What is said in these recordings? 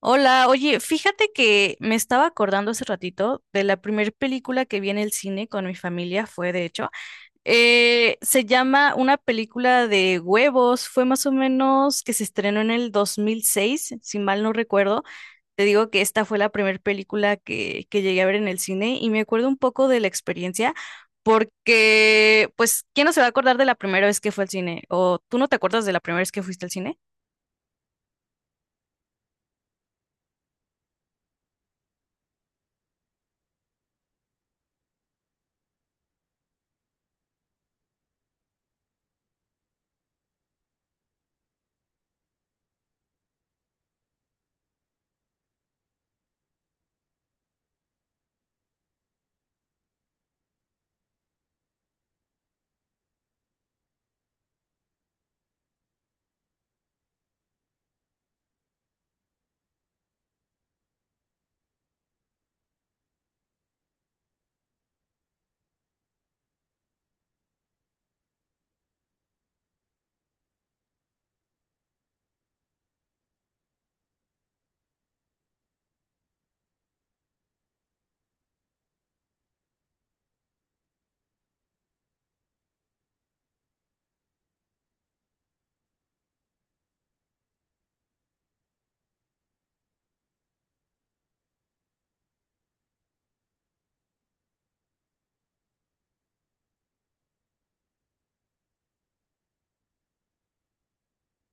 Hola, oye, fíjate que me estaba acordando hace ratito de la primer película que vi en el cine con mi familia, fue de hecho, se llama una película de huevos, fue más o menos que se estrenó en el 2006, si mal no recuerdo. Te digo que esta fue la primer película que llegué a ver en el cine y me acuerdo un poco de la experiencia porque, pues, ¿quién no se va a acordar de la primera vez que fue al cine? ¿O tú no te acuerdas de la primera vez que fuiste al cine?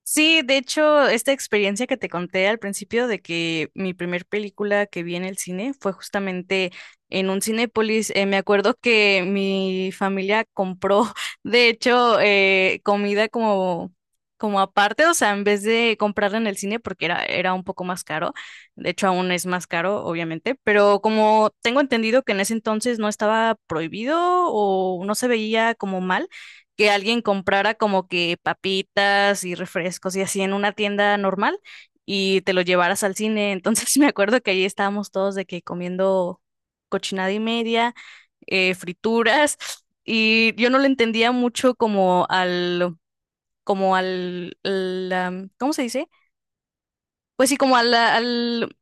Sí, de hecho, esta experiencia que te conté al principio de que mi primer película que vi en el cine fue justamente en un Cinépolis. Me acuerdo que mi familia compró, de hecho, comida como, como aparte, o sea, en vez de comprarla en el cine porque era un poco más caro. De hecho, aún es más caro, obviamente, pero como tengo entendido que en ese entonces no estaba prohibido o no se veía como mal que alguien comprara como que papitas y refrescos y así en una tienda normal y te lo llevaras al cine. Entonces me acuerdo que ahí estábamos todos de que comiendo cochinada y media, frituras, y yo no le entendía mucho como al, ¿cómo se dice? Pues sí, como al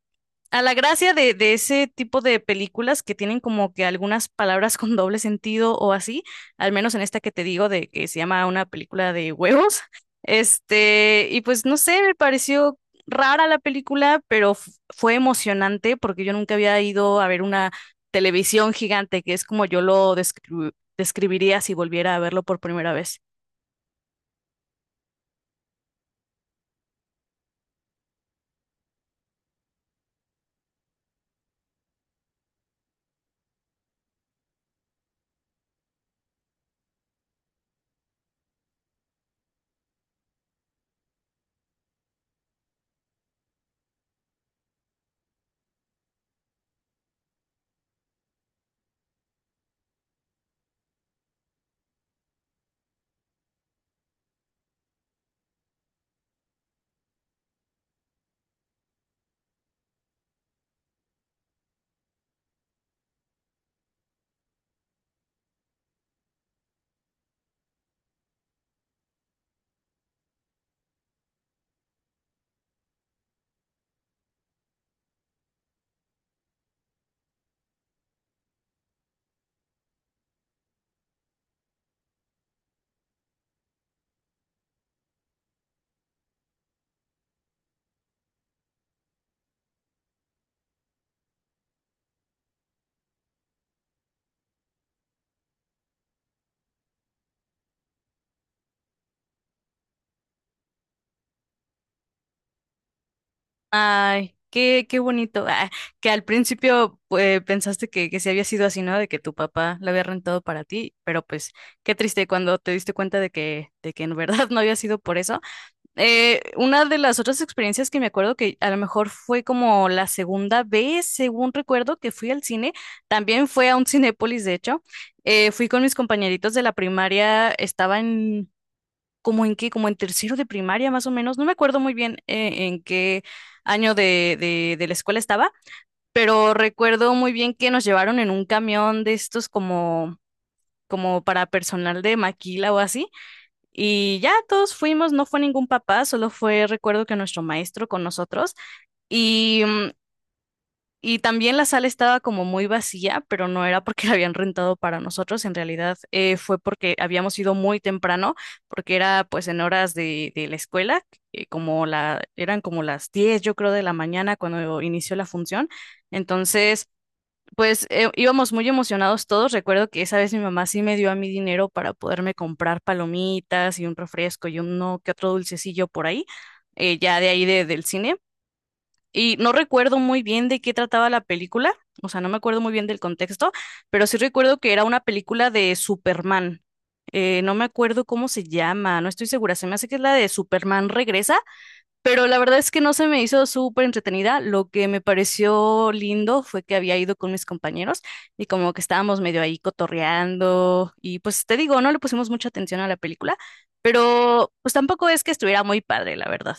a la gracia de ese tipo de películas que tienen como que algunas palabras con doble sentido o así, al menos en esta que te digo de que se llama una película de huevos, este, y pues no sé, me pareció rara la película, pero fue emocionante porque yo nunca había ido a ver una televisión gigante, que es como yo lo describiría si volviera a verlo por primera vez. Ay, qué bonito. Ah, que al principio pues, pensaste que sí había sido así, ¿no? De que tu papá lo había rentado para ti, pero pues qué triste cuando te diste cuenta de que en verdad no había sido por eso. Una de las otras experiencias que me acuerdo que a lo mejor fue como la segunda vez, según recuerdo, que fui al cine, también fue a un Cinépolis, de hecho. Fui con mis compañeritos de la primaria, estaban como en qué, como en tercero de primaria más o menos, no me acuerdo muy bien en qué año de la escuela estaba, pero recuerdo muy bien que nos llevaron en un camión de estos como, como para personal de maquila o así, y ya todos fuimos, no fue ningún papá, solo fue recuerdo que nuestro maestro con nosotros, y y también la sala estaba como muy vacía, pero no era porque la habían rentado para nosotros, en realidad fue porque habíamos ido muy temprano, porque era pues en horas de la escuela, eran como las 10 yo creo de la mañana cuando inició la función. Entonces, pues íbamos muy emocionados todos. Recuerdo que esa vez mi mamá sí me dio a mí dinero para poderme comprar palomitas y un refresco y uno que otro dulcecillo por ahí, ya de ahí del cine. Y no recuerdo muy bien de qué trataba la película, o sea, no me acuerdo muy bien del contexto, pero sí recuerdo que era una película de Superman. No me acuerdo cómo se llama, no estoy segura, se me hace que es la de Superman Regresa, pero la verdad es que no se me hizo súper entretenida. Lo que me pareció lindo fue que había ido con mis compañeros y como que estábamos medio ahí cotorreando y pues te digo, no le pusimos mucha atención a la película, pero pues tampoco es que estuviera muy padre, la verdad.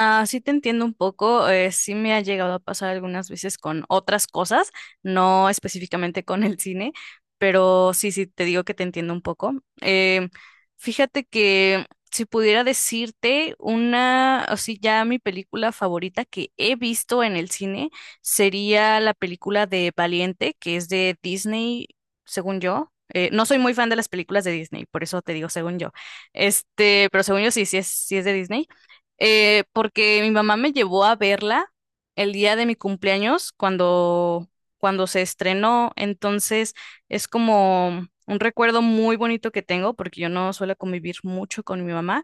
Ah, sí te entiendo un poco, sí me ha llegado a pasar algunas veces con otras cosas, no específicamente con el cine, pero sí, sí te digo que te entiendo un poco. Em, Fíjate que si pudiera decirte una, o sí, ya mi película favorita que he visto en el cine sería la película de Valiente, que es de Disney, según yo. No soy muy fan de las películas de Disney, por eso te digo según yo. Este, pero según yo sí, sí es de Disney. Porque mi mamá me llevó a verla el día de mi cumpleaños cuando se estrenó. Entonces es como un recuerdo muy bonito que tengo porque yo no suelo convivir mucho con mi mamá.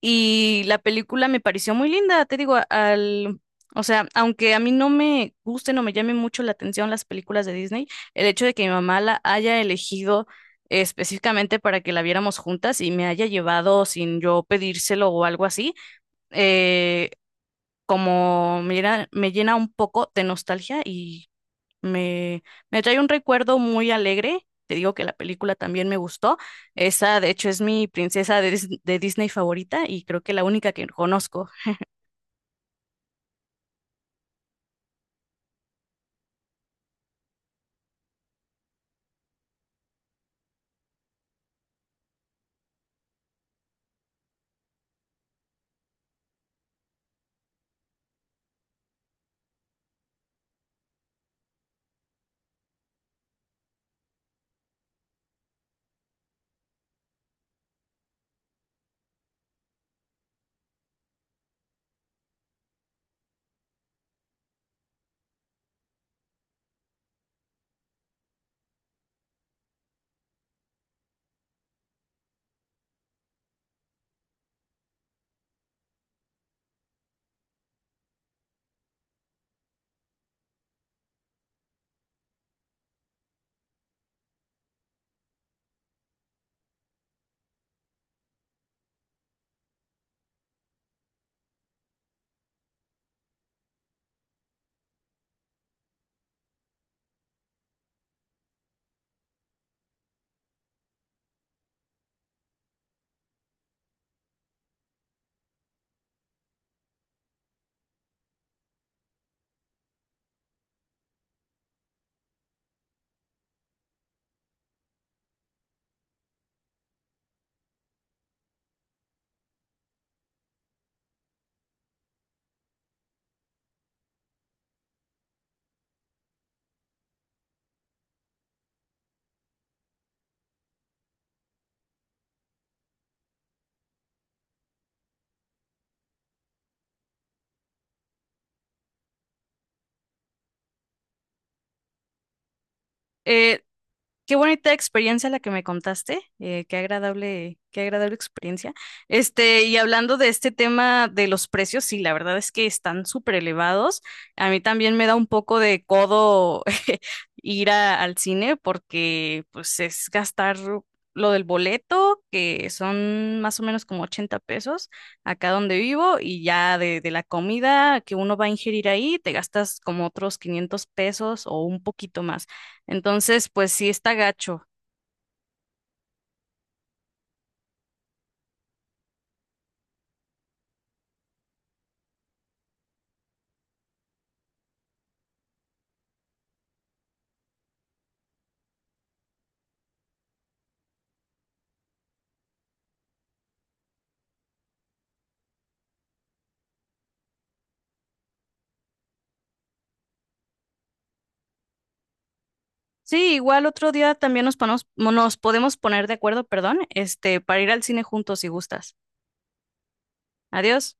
Y la película me pareció muy linda, te digo, al... O sea, aunque a mí no me gusten o me llamen mucho la atención las películas de Disney, el hecho de que mi mamá la haya elegido específicamente para que la viéramos juntas y me haya llevado sin yo pedírselo o algo así, eh, como me llena un poco de nostalgia y me, me trae un recuerdo muy alegre. Te digo que la película también me gustó. Esa, de hecho, es mi princesa de, de Disney favorita y creo que la única que conozco. Eh, Qué bonita experiencia la que me contaste, qué agradable experiencia. Este, y hablando de este tema de los precios, sí, la verdad es que están súper elevados. A mí también me da un poco de codo ir al cine porque pues es gastar lo del boleto, que son más o menos como 80 pesos acá donde vivo, y ya de la comida que uno va a ingerir ahí, te gastas como otros 500 pesos o un poquito más. Entonces, pues sí está gacho. Sí, igual otro día también nos podemos poner de acuerdo, perdón, este, para ir al cine juntos si gustas. Adiós.